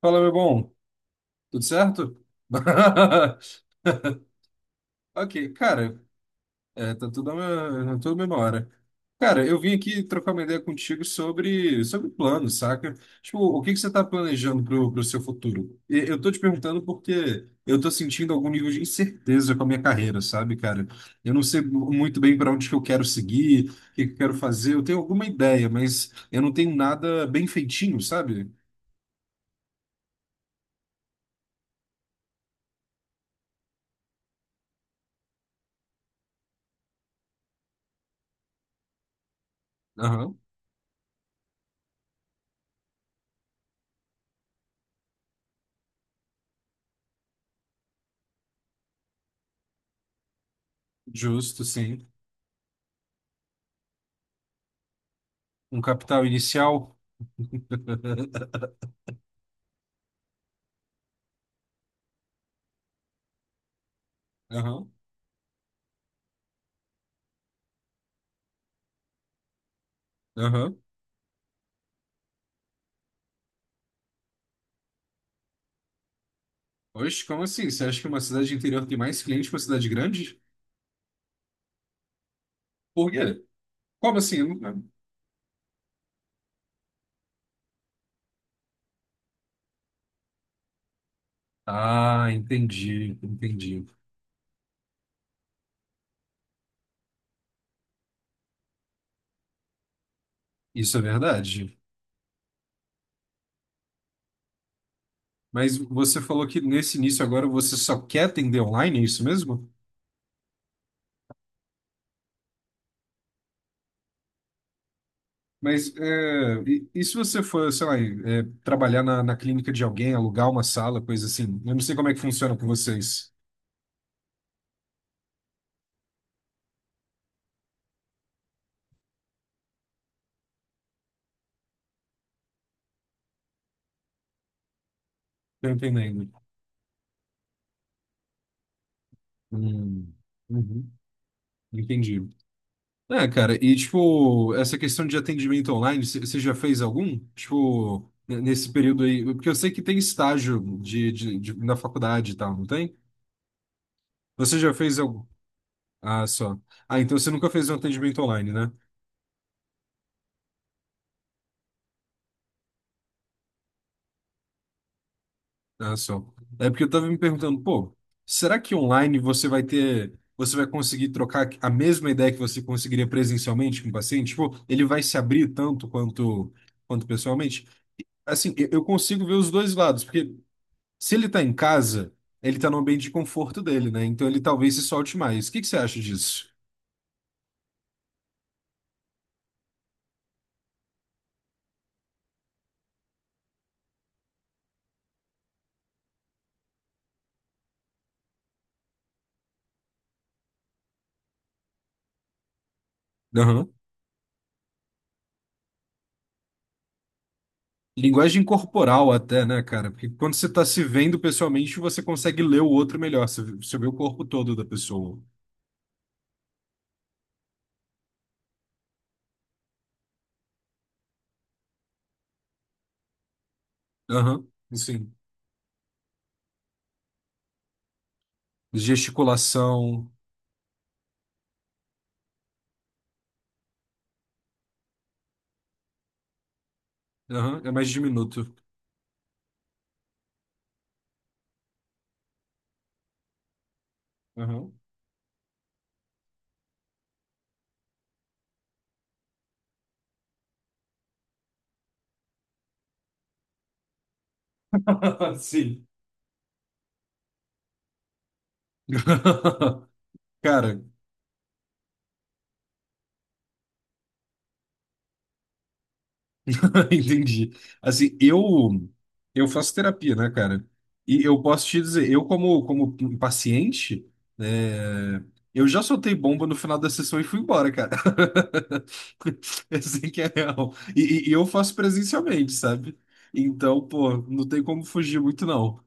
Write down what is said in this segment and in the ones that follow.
Fala, meu bom. Tudo certo? Ok, cara, tá tudo na mesma hora. Cara, eu vim aqui trocar uma ideia contigo sobre, sobre planos, saca? Tipo, o que que você tá planejando pro, pro seu futuro? E eu tô te perguntando porque eu tô sentindo algum nível de incerteza com a minha carreira, sabe, cara? Eu não sei muito bem para onde que eu quero seguir, o que que eu quero fazer. Eu tenho alguma ideia, mas eu não tenho nada bem feitinho, sabe? Aham, justo, sim. Um capital inicial. Aham, aham. Oxe, como assim? Você acha que uma cidade interior tem mais clientes que uma cidade grande? Por quê? Como assim? Eu não- Ah, entendi, entendi. Isso é verdade. Mas você falou que nesse início agora você só quer atender online, é isso mesmo? Mas é, e se você for, sei lá, é, trabalhar na, na clínica de alguém, alugar uma sala, coisa assim? Eu não sei como é que funciona com vocês. Tô entendendo. Hum, uhum, entendi. É, cara, e tipo, essa questão de atendimento online, você já fez algum? Tipo, nesse período aí, porque eu sei que tem estágio de, na faculdade e tal, não tem? Você já fez algum? Ah, só. Ah, então você nunca fez um atendimento online, né? Ah, só. É porque eu tava me perguntando, pô, será que online você vai ter, você vai conseguir trocar a mesma ideia que você conseguiria presencialmente com o paciente? Tipo, ele vai se abrir tanto quanto, quanto pessoalmente? Assim, eu consigo ver os dois lados, porque se ele tá em casa, ele tá no ambiente de conforto dele, né? Então ele talvez se solte mais. O que que você acha disso? Aham. Linguagem corporal até, né, cara? Porque quando você tá se vendo pessoalmente, você consegue ler o outro melhor. Você vê o corpo todo da pessoa. Aham. Sim. Gesticulação. Aham. É mais diminuto. Aham. Sim. Cara, entendi. Assim, eu faço terapia, né, cara? E eu posso te dizer, eu como paciente, é, eu já soltei bomba no final da sessão e fui embora, cara. Assim que é real. E eu faço presencialmente, sabe? Então, pô, não tem como fugir muito, não.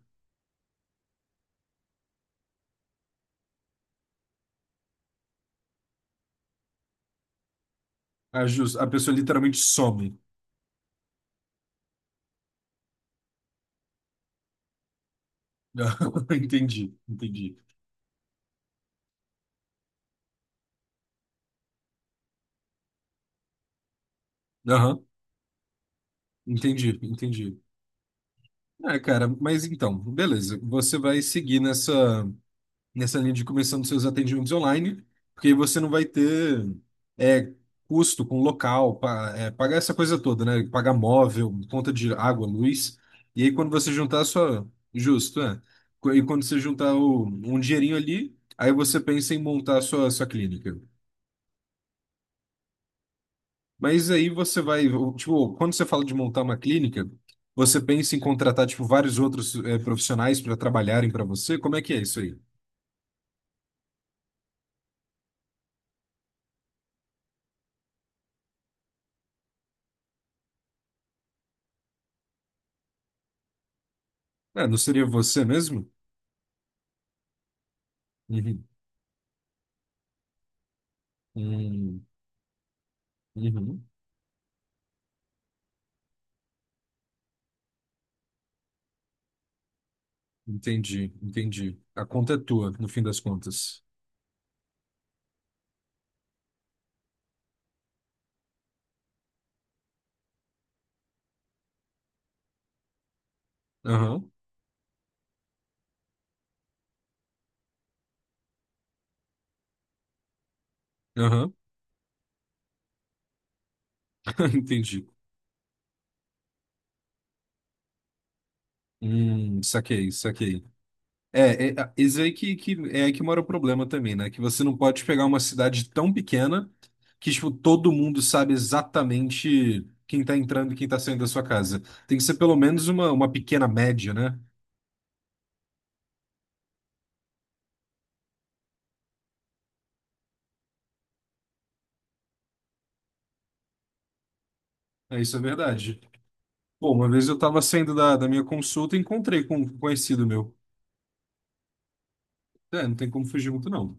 A pessoa literalmente some. Entendi, entendi. Aham, entendi, entendi. Ah, cara, mas então, beleza. Você vai seguir nessa. Nessa linha de começando seus atendimentos online, porque aí você não vai ter é, custo com local, pagar essa coisa toda, né? Pagar móvel, conta de água, luz. E aí quando você juntar a sua. Justo, é. E quando você juntar um dinheirinho ali, aí você pensa em montar a sua, sua clínica. Mas aí você vai. Tipo, quando você fala de montar uma clínica, você pensa em contratar, tipo, vários outros profissionais para trabalharem para você? Como é que é isso aí? Ah, não seria você mesmo? Uhum. Hum. Uhum. Entendi, entendi. A conta é tua, no fim das contas. Aham, aham, entendi. Saquei, saquei. É isso aí que é aí que mora o problema também, né? Que você não pode pegar uma cidade tão pequena que, tipo, todo mundo sabe exatamente quem tá entrando e quem tá saindo da sua casa. Tem que ser pelo menos uma pequena média, né? É, isso é verdade. Pô, uma vez eu tava saindo da, da minha consulta e encontrei com um conhecido meu. É, não tem como fugir muito, não.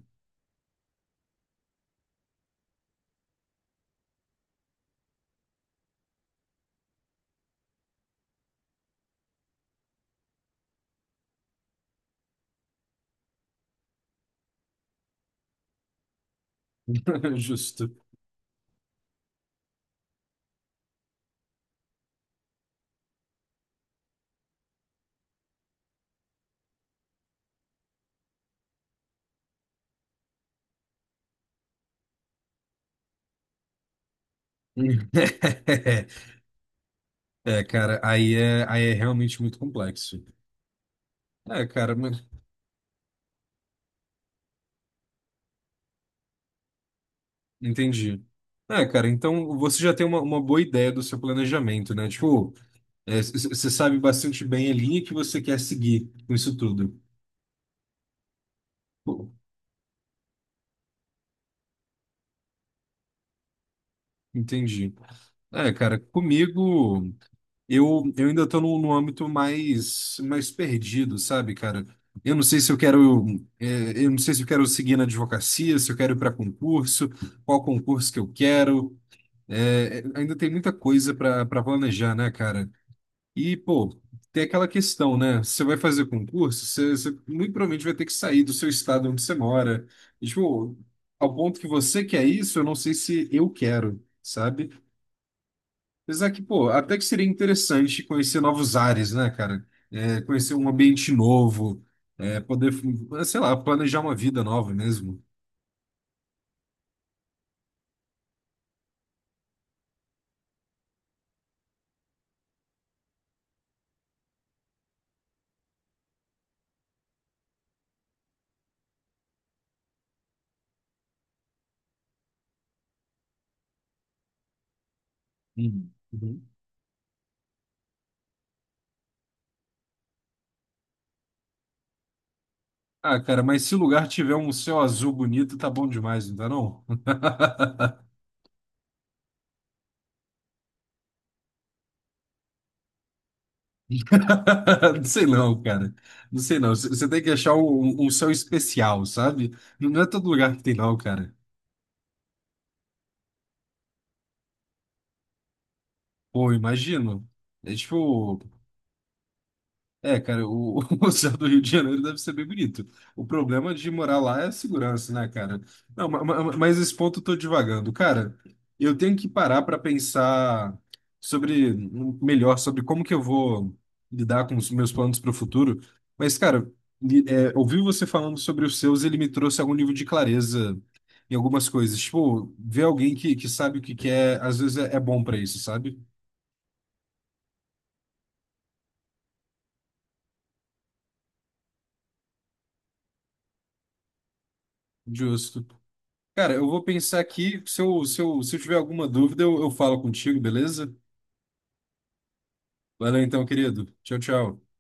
Justo. Aí é realmente muito complexo. É, cara, mas entendi. É, cara, então você já tem uma boa ideia do seu planejamento, né? Tipo, você sabe bastante bem a linha que você quer seguir com isso tudo. Pô, entendi. É, cara, comigo eu ainda tô num, num âmbito mais, mais perdido, sabe, cara? Eu não sei se eu quero, é, eu não sei se eu quero seguir na advocacia, se eu quero ir para concurso, qual concurso que eu quero. Ainda tem muita coisa para para planejar, né, cara? E, pô, tem aquela questão, né? Você vai fazer concurso, você, você muito provavelmente vai ter que sair do seu estado onde você mora. E, tipo, ao ponto que você quer isso, eu não sei se eu quero, sabe? Apesar que, pô, até que seria interessante conhecer novos ares, né, cara? É, conhecer um ambiente novo, é, poder, sei lá, planejar uma vida nova mesmo. Uhum. Ah, cara, mas se o lugar tiver um céu azul bonito, tá bom demais, não tá não? Não sei não, cara. Não sei não. C- Você tem que achar um, um céu especial, sabe? Não é todo lugar que tem não, cara. Pô, imagino. É tipo, É, cara, o, o céu do Rio de Janeiro deve ser bem bonito. O problema de morar lá é a segurança, né, cara? Não, ma- ma- Mas esse ponto eu tô divagando. Cara, eu tenho que parar para pensar sobre melhor sobre como que eu vou lidar com os meus planos para o futuro. Mas, cara, ouvir você falando sobre os seus, ele me trouxe algum nível de clareza em algumas coisas. Tipo, ver alguém que sabe o que quer, às vezes é bom para isso, sabe? Justo. Cara, eu vou pensar aqui. Se eu tiver alguma dúvida, eu falo contigo, beleza? Valeu então, querido. Tchau, tchau.